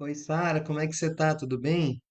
Oi, Sara, como é que você tá? Tudo bem?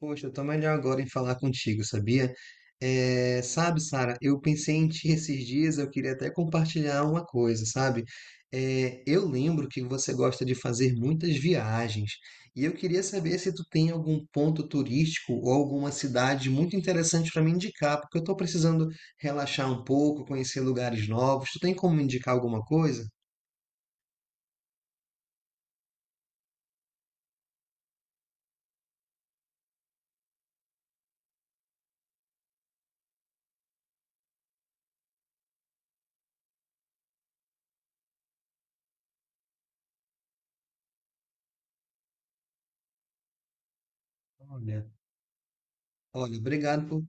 Poxa, eu tô melhor agora em falar contigo, sabia? Sabe, Sara, eu pensei em ti esses dias, eu queria até compartilhar uma coisa, sabe? Eu lembro que você gosta de fazer muitas viagens, e eu queria saber se tu tem algum ponto turístico ou alguma cidade muito interessante para me indicar, porque eu tô precisando relaxar um pouco, conhecer lugares novos. Tu tem como me indicar alguma coisa? Olha, olha, obrigado por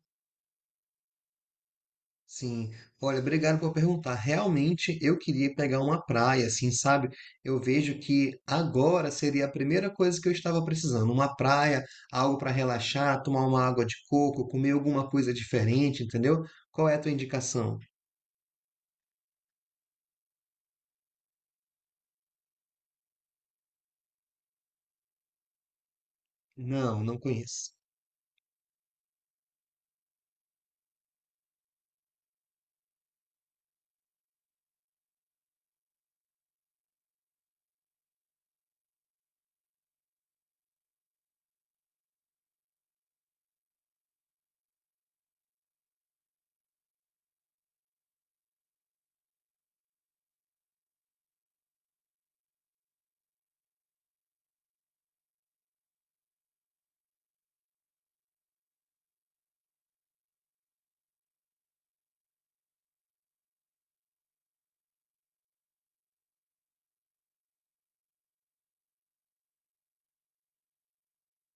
Sim, olha, obrigado por perguntar. Realmente eu queria pegar uma praia, assim, sabe? Eu vejo que agora seria a primeira coisa que eu estava precisando, uma praia, algo para relaxar, tomar uma água de coco, comer alguma coisa diferente, entendeu? Qual é a tua indicação? Não, não conheço.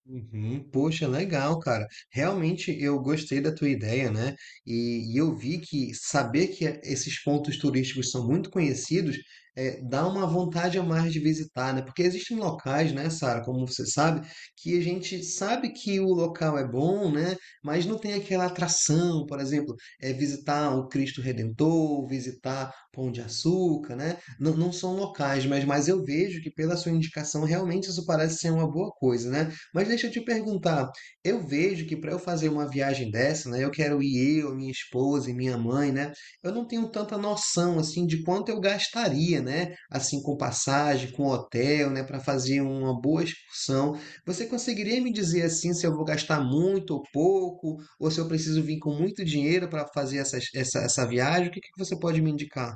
Uhum. Poxa, legal, cara. Realmente eu gostei da tua ideia, né? E eu vi que saber esses pontos turísticos são muito conhecidos, é, dá uma vontade a mais de visitar, né? Porque existem locais, né, Sara, como você sabe, que a gente sabe que o local é bom, né? Mas não tem aquela atração, por exemplo, é visitar o Cristo Redentor, visitar Pão de Açúcar, né? Não, não são locais, mas eu vejo que pela sua indicação realmente isso parece ser uma boa coisa, né? Mas deixa eu te perguntar, eu vejo que para eu fazer uma viagem dessa, né, eu quero ir eu, minha esposa e minha mãe, né? Eu não tenho tanta noção assim de quanto eu gastaria, né? Assim com passagem, com hotel, né, para fazer uma boa excursão. Você conseguiria me dizer assim se eu vou gastar muito ou pouco, ou se eu preciso vir com muito dinheiro para fazer essa viagem? O que que você pode me indicar?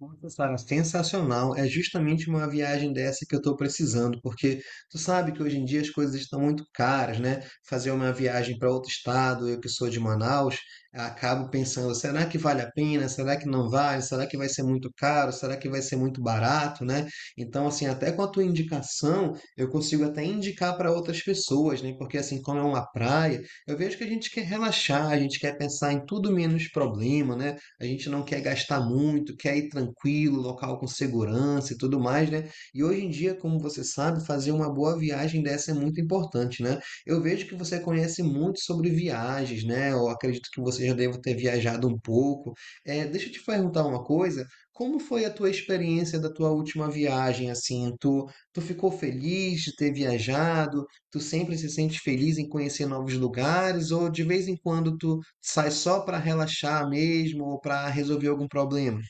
Nossa, Sara, sensacional. É justamente uma viagem dessa que eu estou precisando, porque tu sabe que hoje em dia as coisas estão muito caras, né? Fazer uma viagem para outro estado, eu que sou de Manaus, acabo pensando, será que vale a pena? Será que não vale? Será que vai ser muito caro? Será que vai ser muito barato, né? Então, assim, até com a tua indicação, eu consigo até indicar para outras pessoas, né? Porque assim, como é uma praia, eu vejo que a gente quer relaxar, a gente quer pensar em tudo menos problema, né? A gente não quer gastar muito, quer ir tranquilo, local com segurança e tudo mais, né? E hoje em dia, como você sabe, fazer uma boa viagem dessa é muito importante, né? Eu vejo que você conhece muito sobre viagens, né? Eu acredito que você já deva ter viajado um pouco. É, deixa eu te perguntar uma coisa. Como foi a tua experiência da tua última viagem, assim? Tu ficou feliz de ter viajado? Tu sempre se sente feliz em conhecer novos lugares? Ou de vez em quando tu sai só para relaxar mesmo ou para resolver algum problema?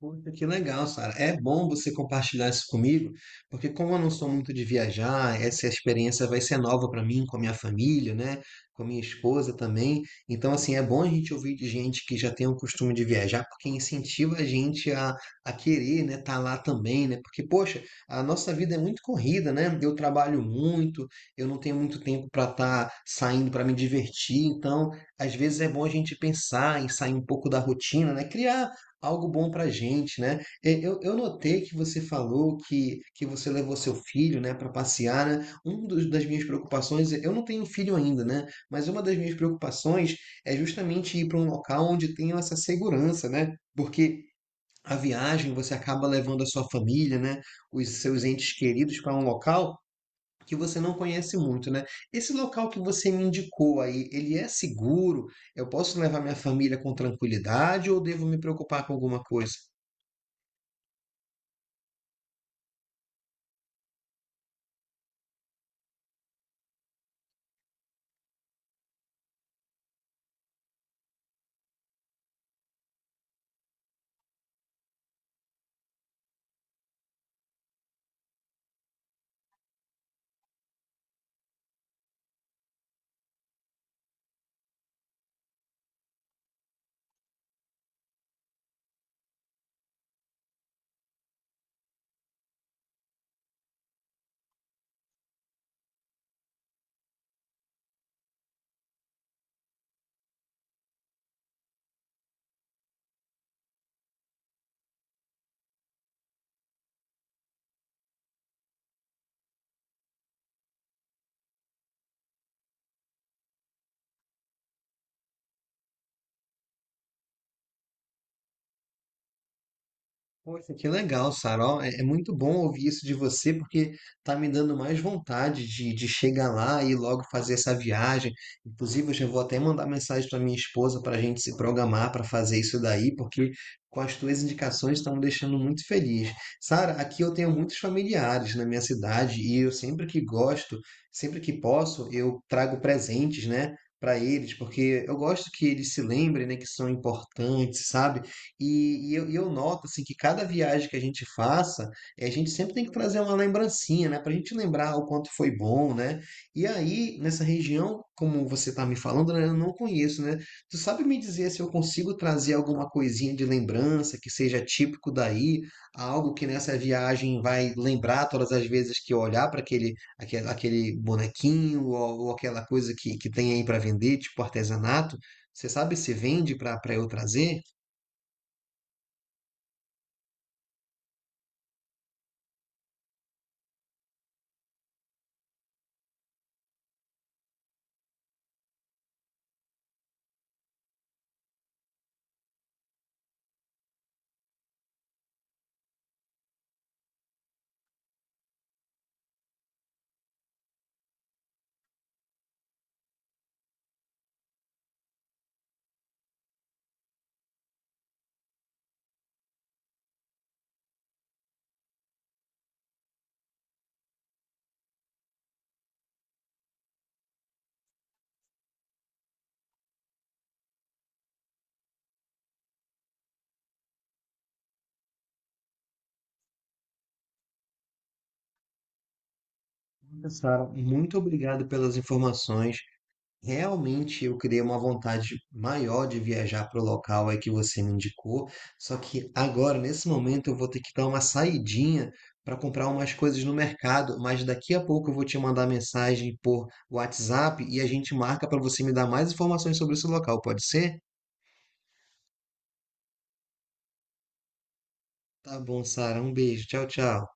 Puxa, que legal, Sara. É bom você compartilhar isso comigo, porque como eu não sou muito de viajar, essa experiência vai ser nova para mim, com a minha família, né? Com a minha esposa também. Então, assim, é bom a gente ouvir de gente que já tem o costume de viajar, porque incentiva a gente a querer, né? Estar lá também, né? Porque, poxa, a nossa vida é muito corrida, né? Eu trabalho muito, eu não tenho muito tempo para estar saindo para me divertir. Então, às vezes é bom a gente pensar em sair um pouco da rotina, né? Criar algo bom para gente, né? E eu notei que você falou que você levou seu filho, né, para passear, né? Um dos, das minhas preocupações, eu não tenho filho ainda, né? Mas uma das minhas preocupações é justamente ir para um local onde tenha essa segurança, né? Porque a viagem você acaba levando a sua família, né, os seus entes queridos para um local que você não conhece muito, né? Esse local que você me indicou aí, ele é seguro? Eu posso levar minha família com tranquilidade ou devo me preocupar com alguma coisa? Poxa, que legal, Sara. Ó, é é muito bom ouvir isso de você, porque tá me dando mais vontade de chegar lá e logo fazer essa viagem. Inclusive, eu já vou até mandar mensagem para minha esposa para a gente se programar para fazer isso daí, porque com as tuas indicações estão me deixando muito feliz. Sara, aqui eu tenho muitos familiares na minha cidade e eu sempre que gosto, sempre que posso, eu trago presentes, né? Para eles, porque eu gosto que eles se lembrem, né, que são importantes, sabe? E eu noto assim que cada viagem que a gente faça, a gente sempre tem que trazer uma lembrancinha, né? Para a gente lembrar o quanto foi bom, né? E aí, nessa região, como você está me falando, né, eu não conheço, né? Tu sabe me dizer se eu consigo trazer alguma coisinha de lembrança que seja típico daí, algo que nessa viagem vai lembrar todas as vezes que eu olhar para aquele bonequinho ou aquela coisa que tem aí para vender, tipo artesanato? Você sabe se vende para eu trazer? Sara, muito obrigado pelas informações. Realmente eu criei uma vontade maior de viajar para o local aí que você me indicou, só que agora, nesse momento, eu vou ter que dar uma saidinha para comprar umas coisas no mercado, mas daqui a pouco eu vou te mandar mensagem por WhatsApp e a gente marca para você me dar mais informações sobre esse local, pode ser? Tá bom, Sara, um beijo. Tchau, tchau.